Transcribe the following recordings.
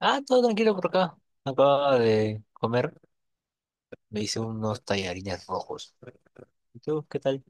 Ah, todo tranquilo por acá. Acaba de comer. Me hice unos tallarines rojos. ¿Y tú qué tal?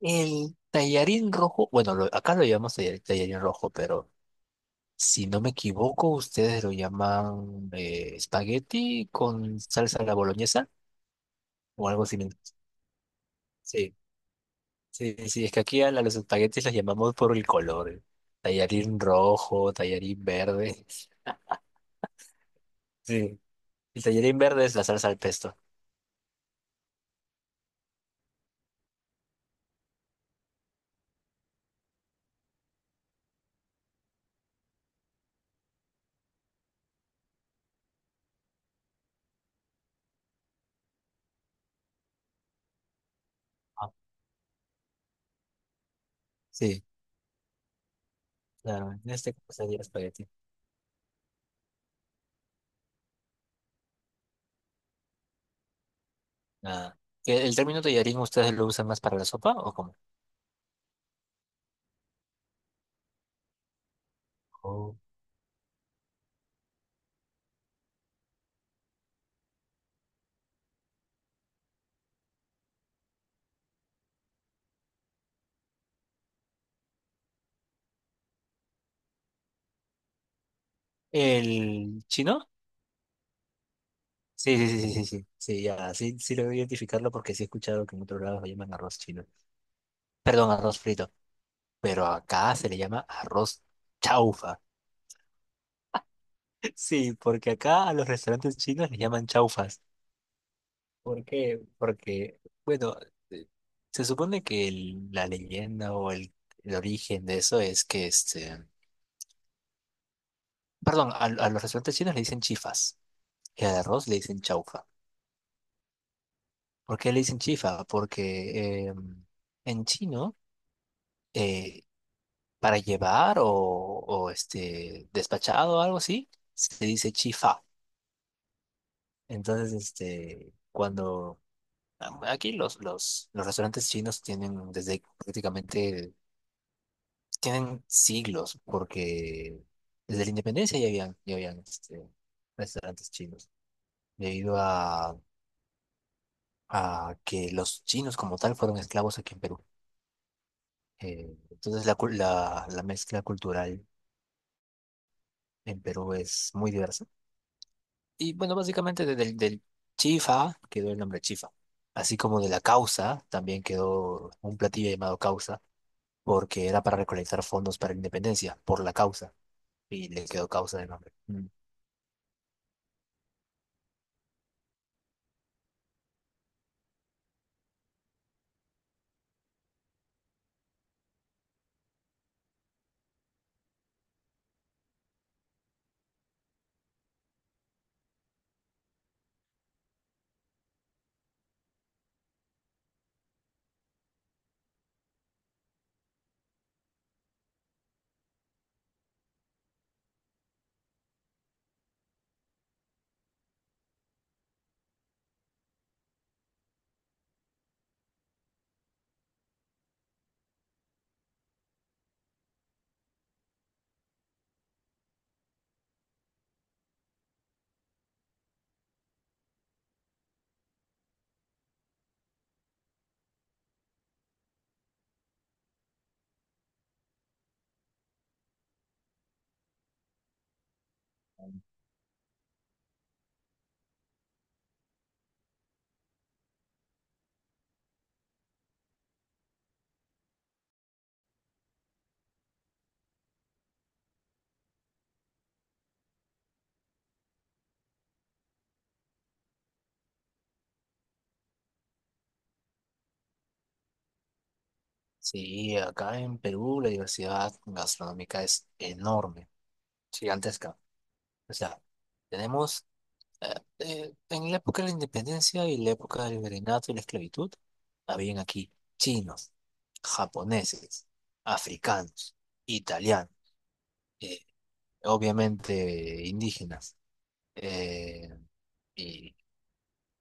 El tallarín rojo, bueno, acá lo llamamos tallarín rojo, pero si no me equivoco, ustedes lo llaman espagueti con salsa a la boloñesa o algo similar. Sí, sí, sí, es que aquí los espaguetis los llamamos por el color. Tallarín rojo, tallarín verde. Sí, el tallarín verde es la salsa al pesto. Ah, sí, claro, en este caso sería espagueti. Nada. ¿El término tallarín ustedes lo usan más para la sopa o cómo? Oh. ¿El chino? Sí, sí, sí, sí, sí, sí, sí, ya, sí, sí logro identificarlo porque sí he escuchado que en otros lados lo llaman arroz chino. Perdón, arroz frito, pero acá se le llama arroz chaufa. Sí, porque acá a los restaurantes chinos les llaman chaufas. ¿Por qué? Porque, bueno, eh, se supone que la leyenda o el origen de eso es que perdón, a los restaurantes chinos le dicen chifas. Y al arroz le dicen chaufa. ¿Por qué le dicen chifa? Porque en chino, eh, para llevar o despachado o algo así, se dice chifa. Entonces, cuando aquí los restaurantes chinos tienen desde prácticamente, tienen siglos, porque desde la independencia ya habían restaurantes chinos, debido a que los chinos como tal fueron esclavos aquí en Perú. Entonces la mezcla cultural en Perú es muy diversa. Y bueno, básicamente del chifa quedó el nombre chifa, así como de la causa también quedó un platillo llamado causa, porque era para recolectar fondos para la independencia, por la causa, y le quedó causa de nombre. Mm. Sí, acá en Perú la diversidad gastronómica es enorme, gigantesca. O sea, tenemos en la época de la independencia y la época del virreinato y la esclavitud, habían aquí chinos, japoneses, africanos, italianos, eh, obviamente indígenas, eh, y,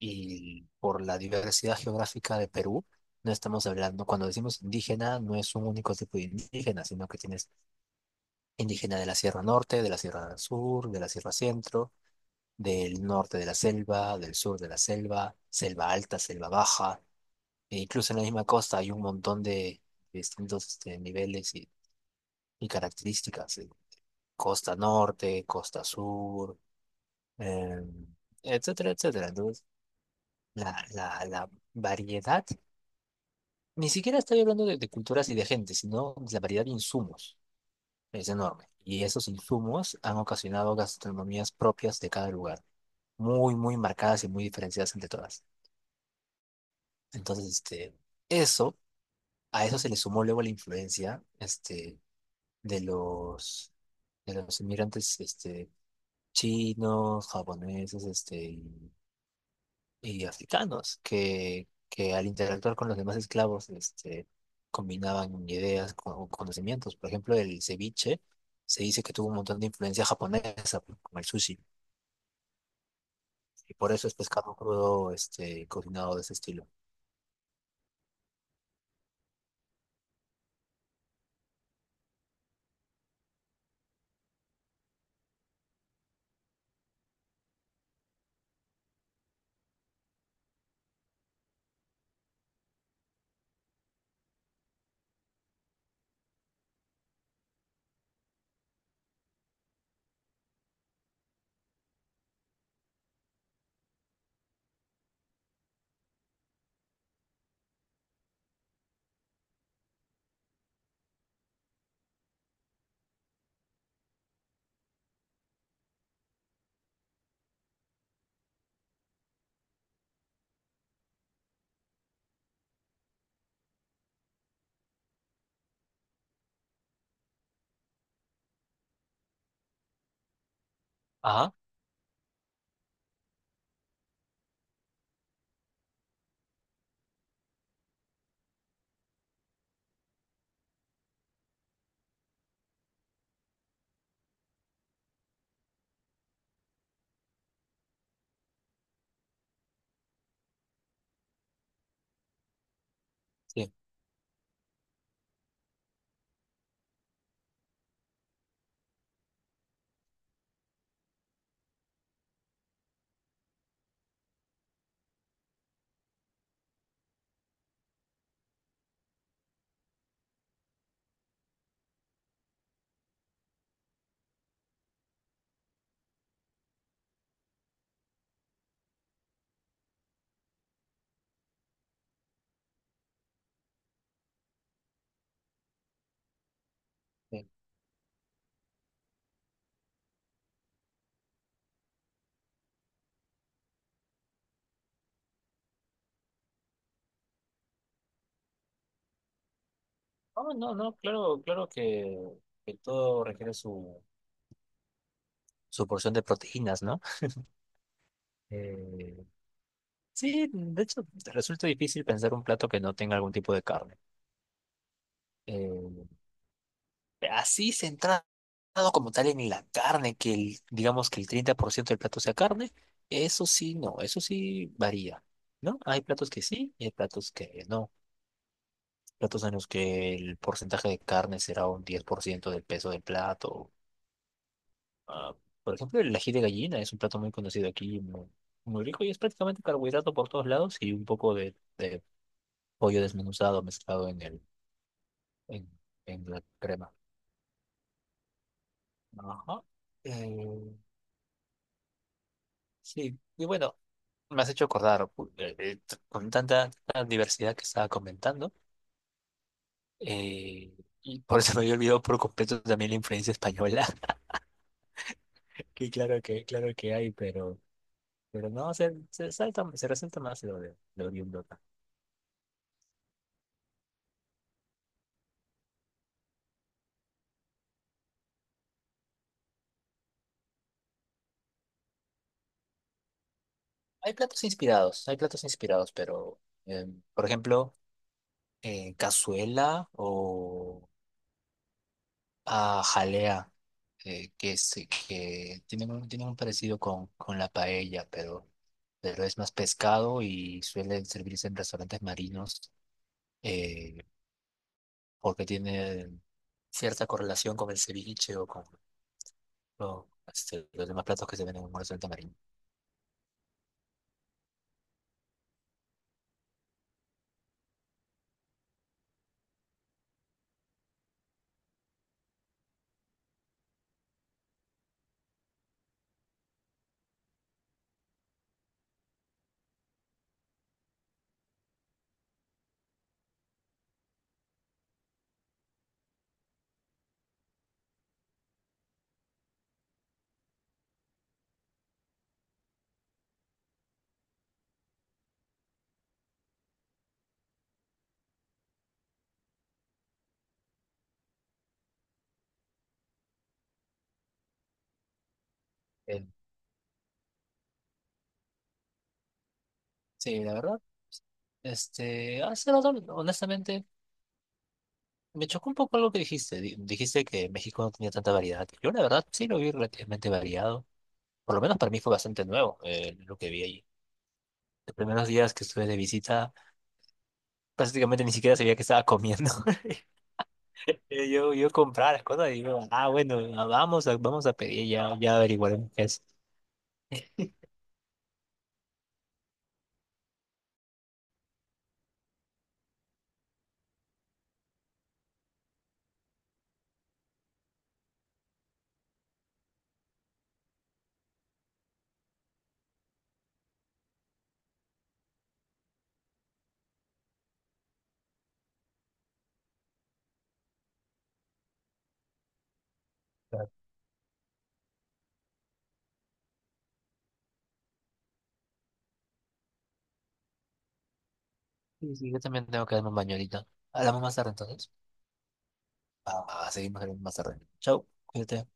y por la diversidad geográfica de Perú, no estamos hablando, cuando decimos indígena, no es un único tipo de indígena, sino que tienes indígena de la Sierra Norte, de la Sierra Sur, de la Sierra Centro del norte de la selva, del sur de la selva, selva alta, selva baja, e incluso en la misma costa hay un montón de distintos niveles y características, costa norte, costa sur, eh, etcétera, etcétera. Entonces, la variedad, ni siquiera estoy hablando de culturas y de gente, sino la variedad de insumos es enorme. Y esos insumos han ocasionado gastronomías propias de cada lugar, muy, muy marcadas y muy diferenciadas entre todas. Entonces, eso, a eso se le sumó luego la influencia, de los, de los inmigrantes, chinos, japoneses, y africanos, que al interactuar con los demás esclavos, combinaban ideas con conocimientos. Por ejemplo, el ceviche se dice que tuvo un montón de influencia japonesa, pues, como el sushi, y por eso es pescado crudo, cocinado de ese estilo. Ajá, sí. No, no, no, claro, claro que todo requiere su porción de proteínas, ¿no? Eh, sí, de hecho, te resulta difícil pensar un plato que no tenga algún tipo de carne. Eh, así centrado como tal en la carne, que digamos que el 30% del plato sea carne, eso sí, no, eso sí varía, ¿no? Hay platos que sí y hay platos que no. Platos en los que el porcentaje de carne será un 10% del peso del plato. Ah, por ejemplo, el ají de gallina es un plato muy conocido aquí, muy, muy rico y es prácticamente carbohidrato por todos lados y un poco de pollo desmenuzado mezclado en, en la crema. Ajá. Eh, sí, y bueno, me has hecho acordar con tanta, tanta diversidad que estaba comentando. eh, y por eso me había olvidado por completo también la influencia española, que claro que, claro que hay, pero, no, se resalta más lo de lo oriundo. Hay platos inspirados, pero eh, por ejemplo, cazuela o jalea, eh, que, es, que tienen un parecido con la paella, pero es más pescado y suele servirse en restaurantes marinos eh, porque tiene cierta correlación con el ceviche o los demás platos que se venden en un restaurante marino. Eh, sí, la verdad, hace rato, honestamente. Me chocó un poco algo que dijiste. Dijiste que México no tenía tanta variedad. Yo la verdad sí lo vi relativamente variado. Por lo menos para mí fue bastante nuevo, lo que vi allí. Los primeros días que estuve de visita, prácticamente ni siquiera sabía que estaba comiendo. Yo compraba las cosas y digo, ah, bueno, ah, vamos a pedir, ya, ya averiguaremos qué es. Claro. Sí, sí, yo también tengo que darme un baño ahorita. Hablamos más tarde entonces. Ah, seguimos hablando más tarde. Chau, cuídate.